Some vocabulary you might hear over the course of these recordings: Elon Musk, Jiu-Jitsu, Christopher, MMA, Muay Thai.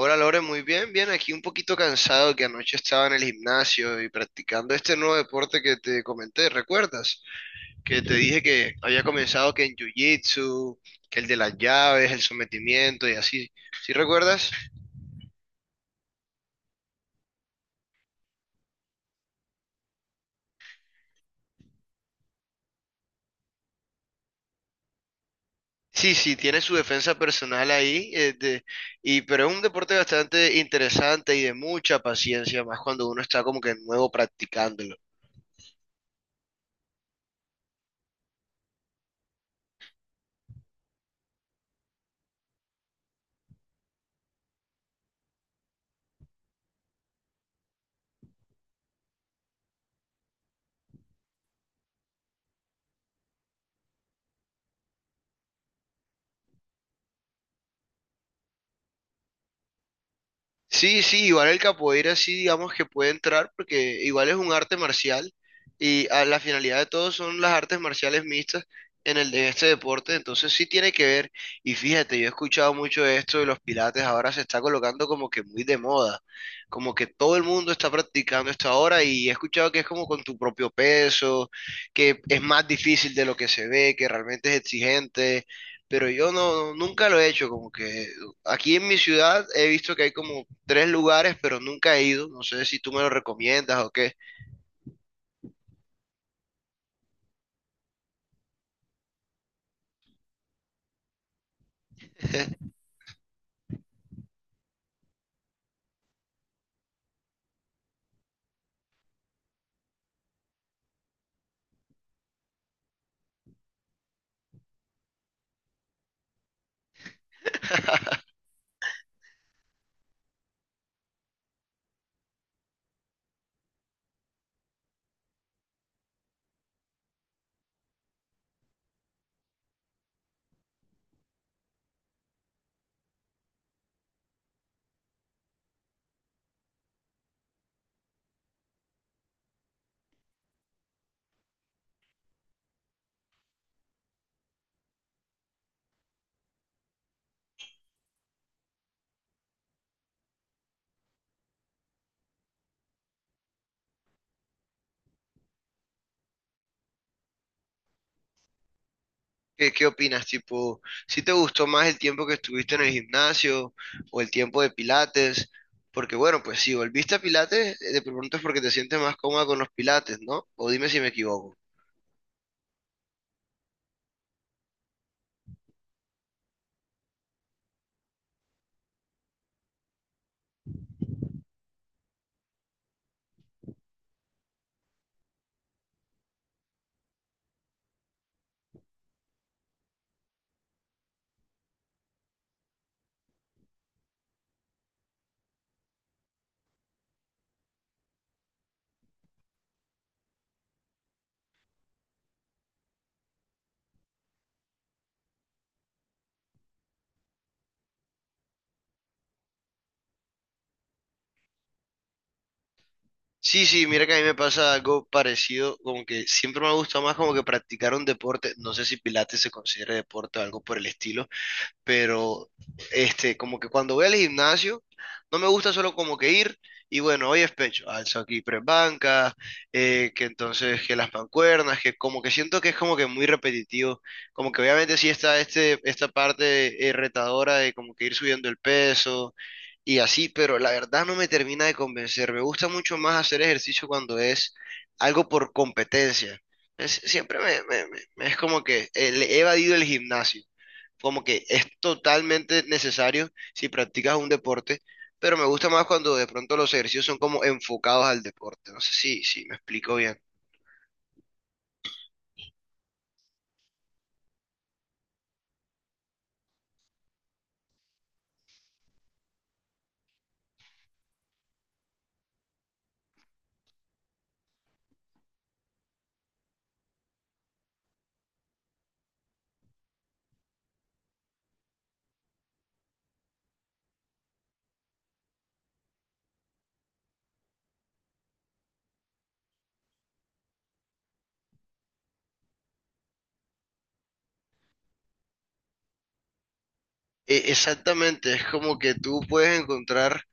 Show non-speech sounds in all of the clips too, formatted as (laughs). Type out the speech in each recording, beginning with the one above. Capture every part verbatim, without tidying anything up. Hola Lore, muy bien, bien, aquí un poquito cansado que anoche estaba en el gimnasio y practicando este nuevo deporte que te comenté, ¿recuerdas? Que te dije que había comenzado que en jiu-jitsu, que el de las llaves, el sometimiento y así, ¿sí recuerdas? Sí, sí, tiene su defensa personal ahí, eh, de- y, pero es un deporte bastante interesante y de mucha paciencia, más cuando uno está como que nuevo practicándolo. Sí, sí, igual el capoeira sí digamos que puede entrar porque igual es un arte marcial y a la finalidad de todo son las artes marciales mixtas en el, en este deporte, entonces sí tiene que ver. Y fíjate, yo he escuchado mucho de esto de los pilates, ahora se está colocando como que muy de moda, como que todo el mundo está practicando esto ahora y he escuchado que es como con tu propio peso, que es más difícil de lo que se ve, que realmente es exigente. Pero yo no, nunca lo he hecho, como que aquí en mi ciudad he visto que hay como tres lugares, pero nunca he ido. No sé si tú me lo recomiendas o qué. (laughs) ¿Qué, qué opinas? Tipo, ¿si te gustó más el tiempo que estuviste en el gimnasio o el tiempo de Pilates? Porque bueno, pues si volviste a Pilates, eh, de pronto es porque te sientes más cómoda con los Pilates, ¿no? O dime si me equivoco. Sí, sí, mira que a mí me pasa algo parecido, como que siempre me ha gustado más como que practicar un deporte, no sé si Pilates se considera deporte o algo por el estilo, pero este, como que cuando voy al gimnasio, no me gusta solo como que ir y bueno, hoy es pecho, alzo aquí tres bancas, eh, que entonces que las mancuernas, que como que siento que es como que muy repetitivo, como que obviamente sí está este, esta parte eh, retadora de como que ir subiendo el peso y así, pero la verdad no me termina de convencer, me gusta mucho más hacer ejercicio cuando es algo por competencia. Es- siempre me, me- me- me- es como que eh, le he evadido el gimnasio como que es totalmente necesario si practicas un deporte, pero me gusta más cuando de pronto los ejercicios son como enfocados al deporte. No sé si, si me explico bien. E- exactamente, es como que tú puedes encontrar,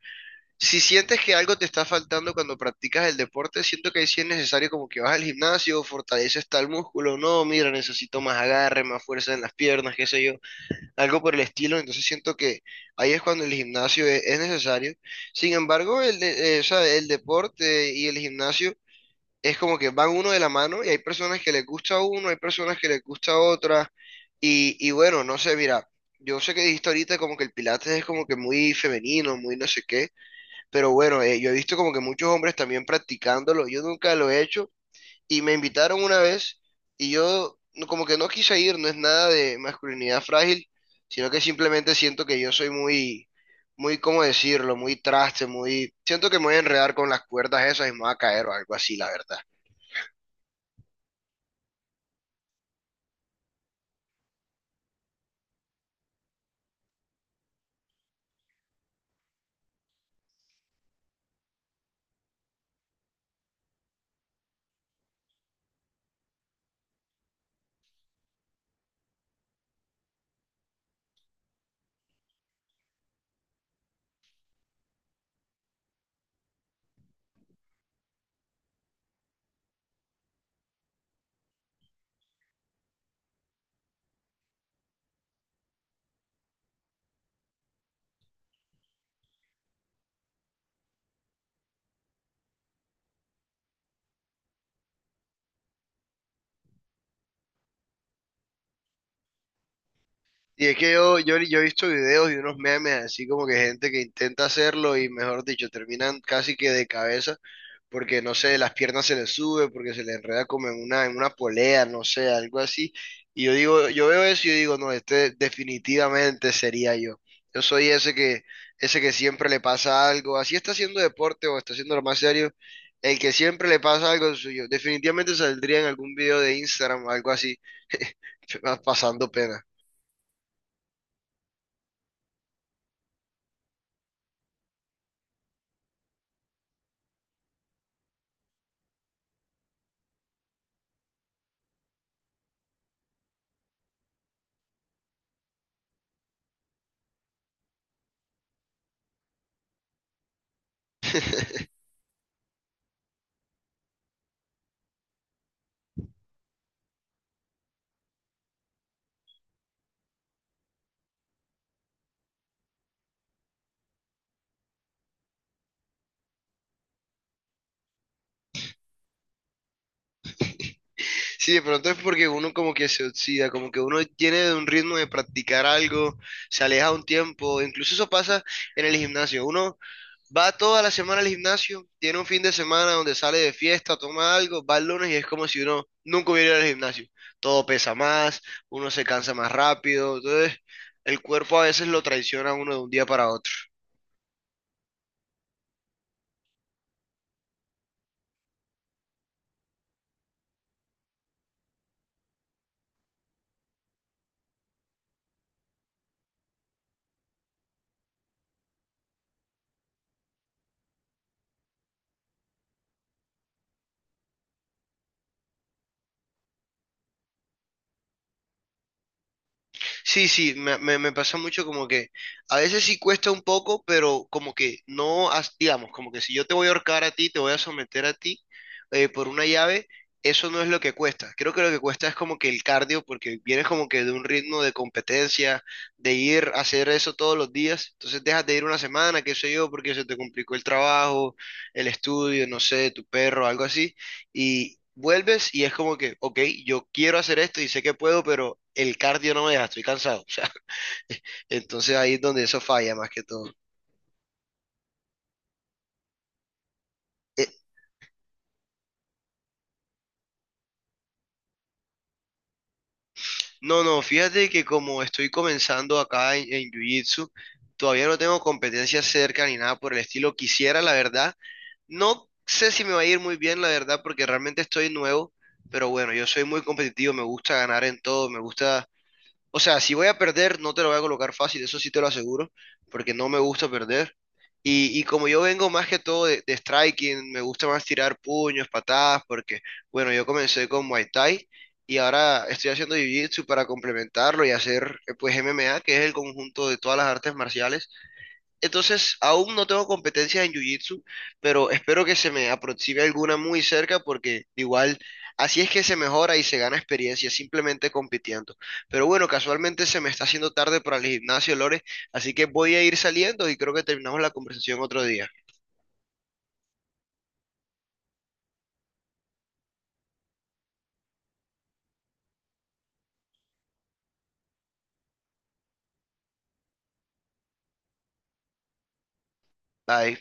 si sientes que algo te está faltando cuando practicas el deporte, siento que ahí sí es necesario como que vas al gimnasio, fortaleces tal músculo, no, mira, necesito más agarre, más fuerza en las piernas, qué sé yo, algo por el estilo, entonces siento que ahí es cuando el gimnasio e- es necesario. Sin embargo, el, de- eh, o sea, el deporte y el gimnasio es como que van uno de la mano y hay personas que les gusta uno, hay personas que les gusta otra, y, y bueno, no sé, mira, yo sé que dijiste ahorita como que el pilates es como que muy femenino, muy no sé qué, pero bueno, eh, yo he visto como que muchos hombres también practicándolo, yo nunca lo he hecho. Y me invitaron una vez y yo no- como que no quise ir, no es nada de masculinidad frágil, sino que simplemente siento que yo soy muy, muy, ¿cómo decirlo? Muy traste, muy... Siento que me voy a enredar con las cuerdas esas y me voy a caer o algo así, la verdad. Y es que yo, yo, yo he visto videos y unos memes así como que gente que intenta hacerlo y mejor dicho, terminan casi que de cabeza porque no sé, las piernas se les sube, porque se les enreda como en una, en una polea, no sé, algo así. Y yo digo, yo veo eso y yo digo, no, este definitivamente sería yo. Yo soy ese que, ese que siempre le pasa algo, así está haciendo deporte o está haciendo lo más serio, el que siempre le pasa algo suyo. Definitivamente saldría en algún video de Instagram o algo así, (laughs) pasando pena. Sí, de pronto es porque uno como que se oxida, como que uno tiene un ritmo de practicar algo, se aleja un tiempo, incluso eso pasa en el gimnasio. Uno va toda la semana al gimnasio, tiene un fin de semana donde sale de fiesta, toma algo, va el lunes y es como si uno nunca hubiera ido al gimnasio. Todo pesa más, uno se cansa más rápido, entonces el cuerpo a veces lo traiciona a uno de un día para otro. Sí, sí, me, me, me pasa mucho como que a veces sí cuesta un poco, pero como que no, has- digamos, como que si yo te voy a ahorcar a ti, te voy a someter a ti eh, por una llave, eso no es lo que cuesta. Creo que lo que cuesta es como que el cardio, porque vienes como que de un ritmo de competencia, de ir a hacer eso todos los días, entonces dejas de ir una semana, qué sé yo, porque se te complicó el trabajo, el estudio, no sé, tu perro, algo así y vuelves y es como que, ok, yo quiero hacer esto y sé que puedo, pero el cardio no me deja, estoy cansado. (laughs) O sea, entonces ahí es donde eso falla más que todo. Eh, no, no, fíjate que como estoy comenzando acá en, en Jiu-Jitsu, todavía no tengo competencias cerca ni nada por el estilo. Quisiera, la verdad, no sé si me va a ir muy bien, la verdad, porque realmente estoy nuevo. Pero bueno, yo soy muy competitivo, me gusta ganar en todo, me gusta. O sea, si voy a perder, no te lo voy a colocar fácil, eso sí te lo aseguro, porque no me gusta perder. Y, y como yo vengo más que todo de, de striking, me gusta más tirar puños, patadas, porque, bueno, yo comencé con Muay Thai y ahora estoy haciendo Jiu-Jitsu para complementarlo y hacer, eh, pues, M M A, que es el conjunto de todas las artes marciales, entonces, aún no tengo competencias en Jiu-Jitsu, pero espero que se me aproxime alguna muy cerca porque igual así es que se mejora y se gana experiencia simplemente compitiendo. Pero bueno, casualmente se me está haciendo tarde para el gimnasio, Lore, así que voy a ir saliendo y creo que terminamos la conversación otro día. Bye.